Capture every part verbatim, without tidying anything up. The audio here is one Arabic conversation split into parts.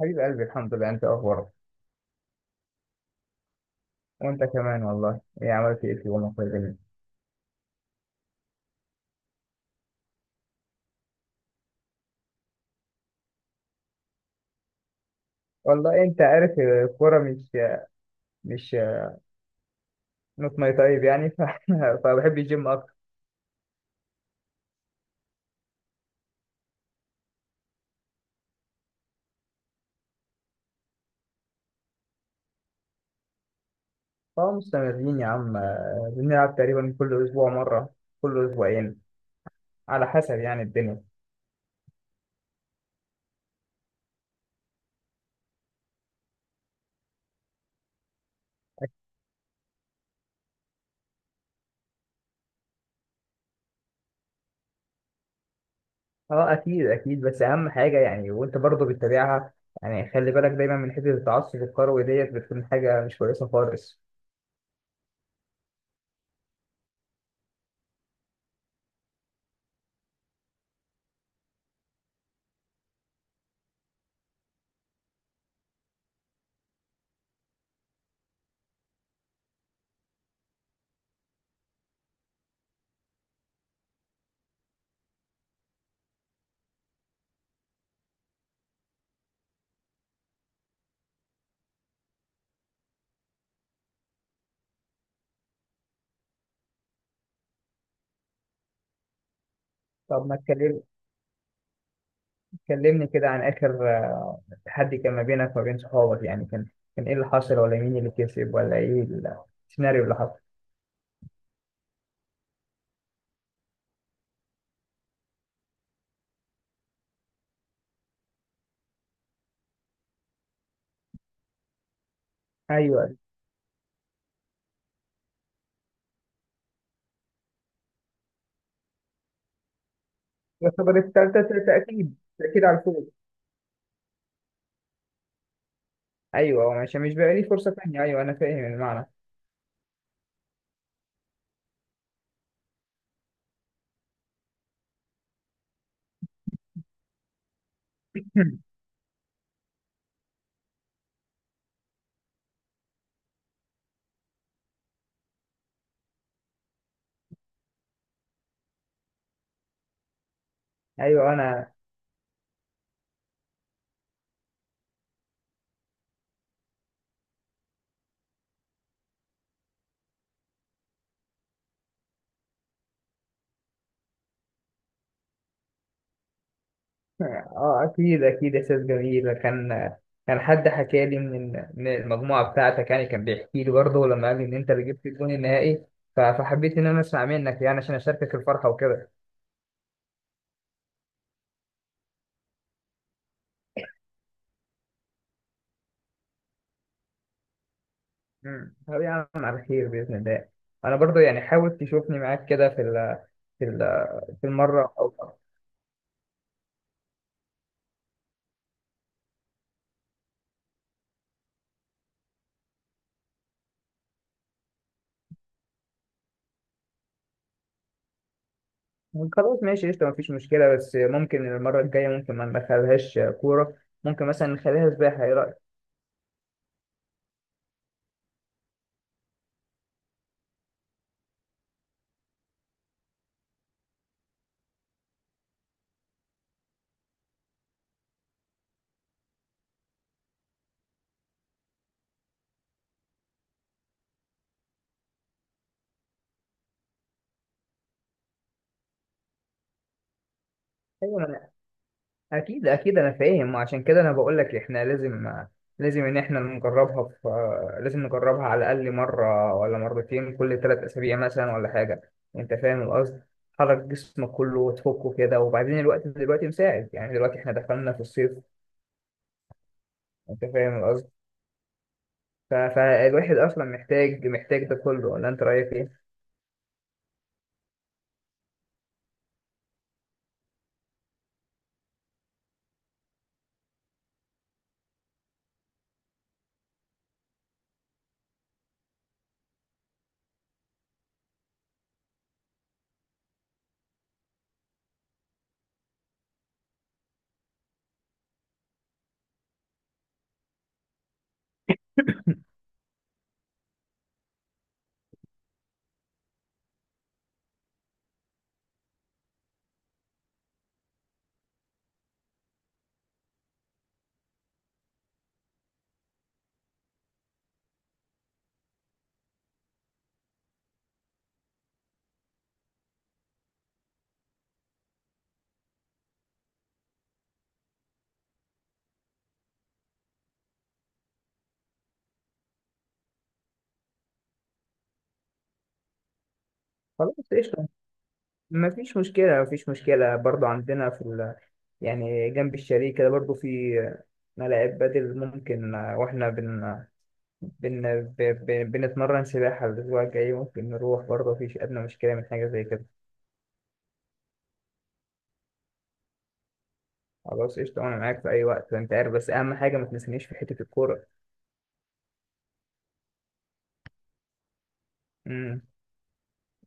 حبيب قلبي، الحمد لله. انت اخبارك؟ وانت كمان والله. ايه عملت ايه في يومك ولا إيه؟ والله انت عارف الكوره مش مش نوت ماي تايب يعني ف... فبحب الجيم اكتر. فمستمرين يا عم، بنلعب تقريبا كل اسبوع مره، كل اسبوعين، على حسب يعني الدنيا. اه، اكيد اكيد بس اهم حاجه يعني، وانت برضه بتتابعها. يعني خلي بالك دايما من حته التعصب الكروي، ديت بتكون حاجه مش كويسه خالص. طب ما اتكلمنا، كلمني كده عن آخر آه، تحدي كان ما بينك وما بين صحابك، يعني كان كان إيه اللي حصل، ولا مين اللي كسب، ولا إيه ال- السيناريو اللي حصل؟ أيوه. يعتبر التالتة تأكيد تأكيد على الفوز. أيوه، مش مش بقى لي فرصة تانية، أيوه أنا فاهم المعنى. أيوه أنا. أه، أكيد أكيد إحساس جميل كان. كان حد حكى لي من من المجموعة بتاعتك، يعني كان بيحكي لي برضه لما قال لي إن أنت اللي جبت الجون النهائي. ف- فحبيت إن أنا أسمع منك يعني عشان أشاركك الفرحة وكده. مم. طب يا عم، على خير بإذن الله. أنا برضو يعني حاول تشوفني معاك كده في ال في ال في المرة أو. خلاص ماشي، قشطة، مفيش مشكلة. بس ممكن المرة الجاية، ممكن ما ندخلهاش كورة، ممكن مثلا نخليها سباحة، إيه رأيك؟ أيوة. اكيد اكيد انا فاهم، وعشان كده انا بقول لك احنا لازم، لازم ان احنا نجربها في لازم نجربها على الاقل مره ولا مرتين كل ثلاث اسابيع مثلا، ولا حاجه. انت فاهم القصد، تحرك جسمك كله وتفكه كده. وبعدين الوقت دلوقتي مساعد، يعني دلوقتي احنا دخلنا في الصيف. انت فاهم القصد؟ ف- فالواحد اصلا محتاج محتاج ده كله، ولا انت رايك ايه؟ خلاص قشطه، ما فيش مشكلة ما فيش مشكلة برضو. عندنا في ال... يعني جنب الشاليه كده برضو في ملاعب بدل ممكن، آه، واحنا بن... بن... ب... ب... بنتمرن سباحة. الأسبوع الجاي ممكن نروح برضو، مفيش أدنى مشكلة من حاجة زي كده. خلاص قشطة، أنا معاك في أي وقت أنت عارف، بس أهم حاجة ما تنسنيش في حتة الكورة. امم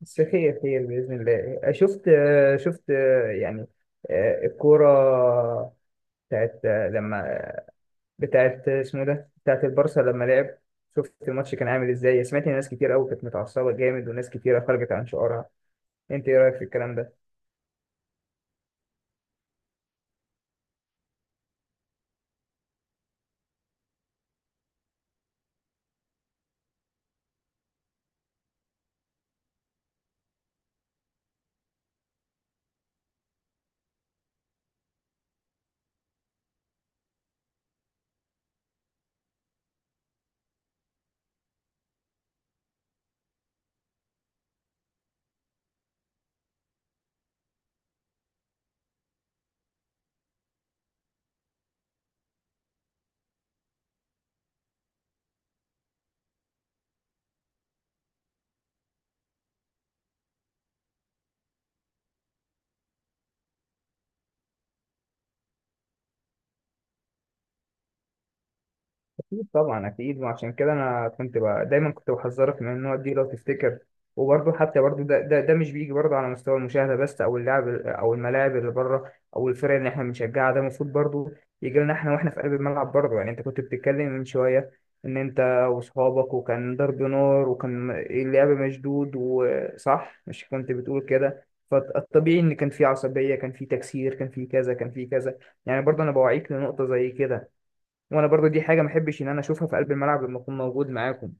بس خير خير بإذن الله. شفت شفت يعني آه، الكورة بتاعت لما بتاعت اسمه إيه ده، بتاعت البارسا لما لعب. شفت الماتش كان عامل ازاي؟ سمعت ان ناس كتير قوي كانت متعصبه جامد، وناس كتيره خرجت عن شعورها، انت ايه رايك في الكلام ده؟ أكيد طبعا، أكيد. وعشان كده أنا كنت بقى دايما كنت بحذرك من النوع دي لو تفتكر. وبرضه حتى برضه ده, ده ده مش بيجي برضه على مستوى المشاهدة بس، أو اللعب، أو الملاعب اللي بره، أو الفرق اللي إحنا بنشجعها. ده المفروض برضه يجي لنا إحنا وإحنا في قلب الملعب برضه. يعني أنت كنت بتتكلم من شوية إن أنت وأصحابك، وكان ضرب نار وكان اللعب مشدود وصح، مش كنت بتقول كده؟ فالطبيعي إن كان في عصبية، كان في تكسير، كان في كذا كان في كذا. يعني برضه أنا بوعيك لنقطة زي كده، وانا برضو دي حاجه ما احبش ان انا اشوفها في قلب الملعب لما اكون موجود معاكم.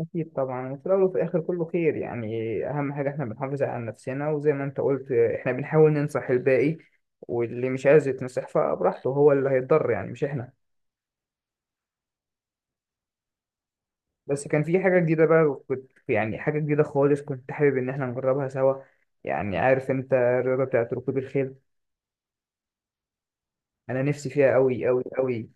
اكيد طبعا، وفي الاول وفي الاخر كله خير يعني. اهم حاجه احنا بنحافظ على نفسنا، وزي ما انت قلت احنا بنحاول ننصح الباقي، واللي مش عايز يتنصح فبراحته، هو اللي هيتضر يعني، مش احنا. بس كان في حاجه جديده بقى كنت يعني، حاجه جديده خالص كنت حابب ان احنا نجربها سوا. يعني عارف انت الرياضه بتاعت ركوب الخيل؟ انا نفسي فيها قوي قوي قوي.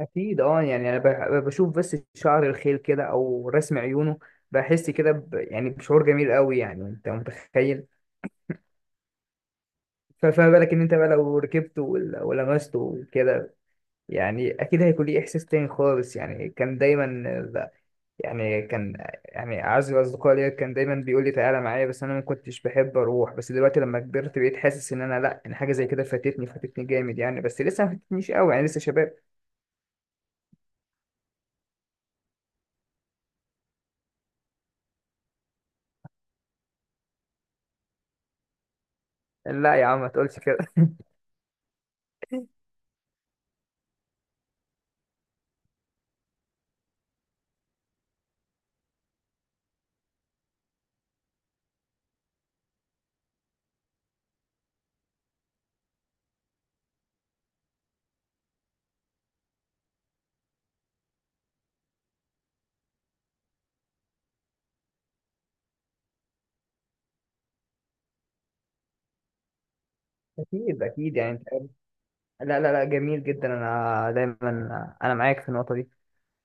اكيد، اه يعني انا بح- بشوف بس شعر الخيل كده او رسم عيونه. بحس كده ب... يعني بشعور جميل قوي، يعني انت متخيل. ف- فما بالك ان انت بقى لو ركبته ول- ولمسته وكده، يعني اكيد هيكون ليه احساس تاني خالص. يعني كان دايما ب- يعني كان يعني اعز الاصدقاء ليا كان دايما بيقول لي تعالى معايا، بس انا ما كنتش بحب اروح. بس دلوقتي لما كبرت بقيت حاسس ان انا، لا، ان حاجه زي كده فاتتني فاتتني جامد يعني، بس لسه ما فاتتنيش قوي يعني، لسه شباب. لا يا عم ما تقولش كده. اكيد اكيد يعني. لا لا لا، جميل جدا. انا دايما انا معاك في النقطه دي،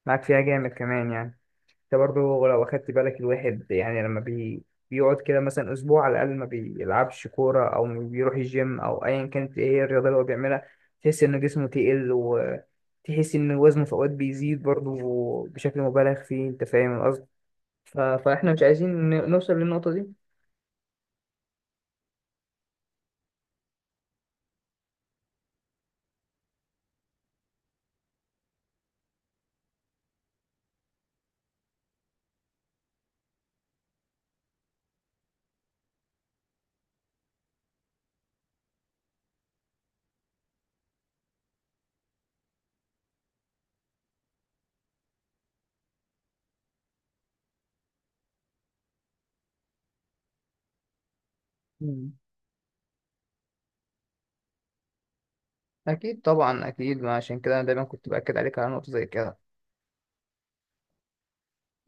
معاك فيها جامد كمان يعني. انت برضو لو اخدت بالك الواحد يعني، لما بي بيقعد كده مثلا اسبوع على الاقل ما بيلعبش كوره او ما بيروح الجيم او ايا كانت ايه هي الرياضه اللي هو بيعملها، تحس ان جسمه تقل، وتحس ان وزنه في اوقات بيزيد برضو بشكل مبالغ فيه، انت فاهم القصد؟ ف... فاحنا مش عايزين ن- نوصل للنقطه دي. مم. اكيد طبعا اكيد، ما عشان كده انا دايما كنت باكد عليك على نقطه زي كده.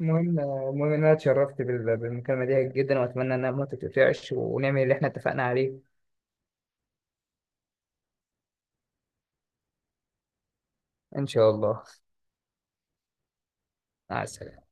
المهم المهم إن أنا اتشرفت بال- بالمكالمة دي جدا، وأتمنى إنها ما تتقطعش ونعمل اللي إحنا اتفقنا عليه. إن شاء الله. مع السلامة.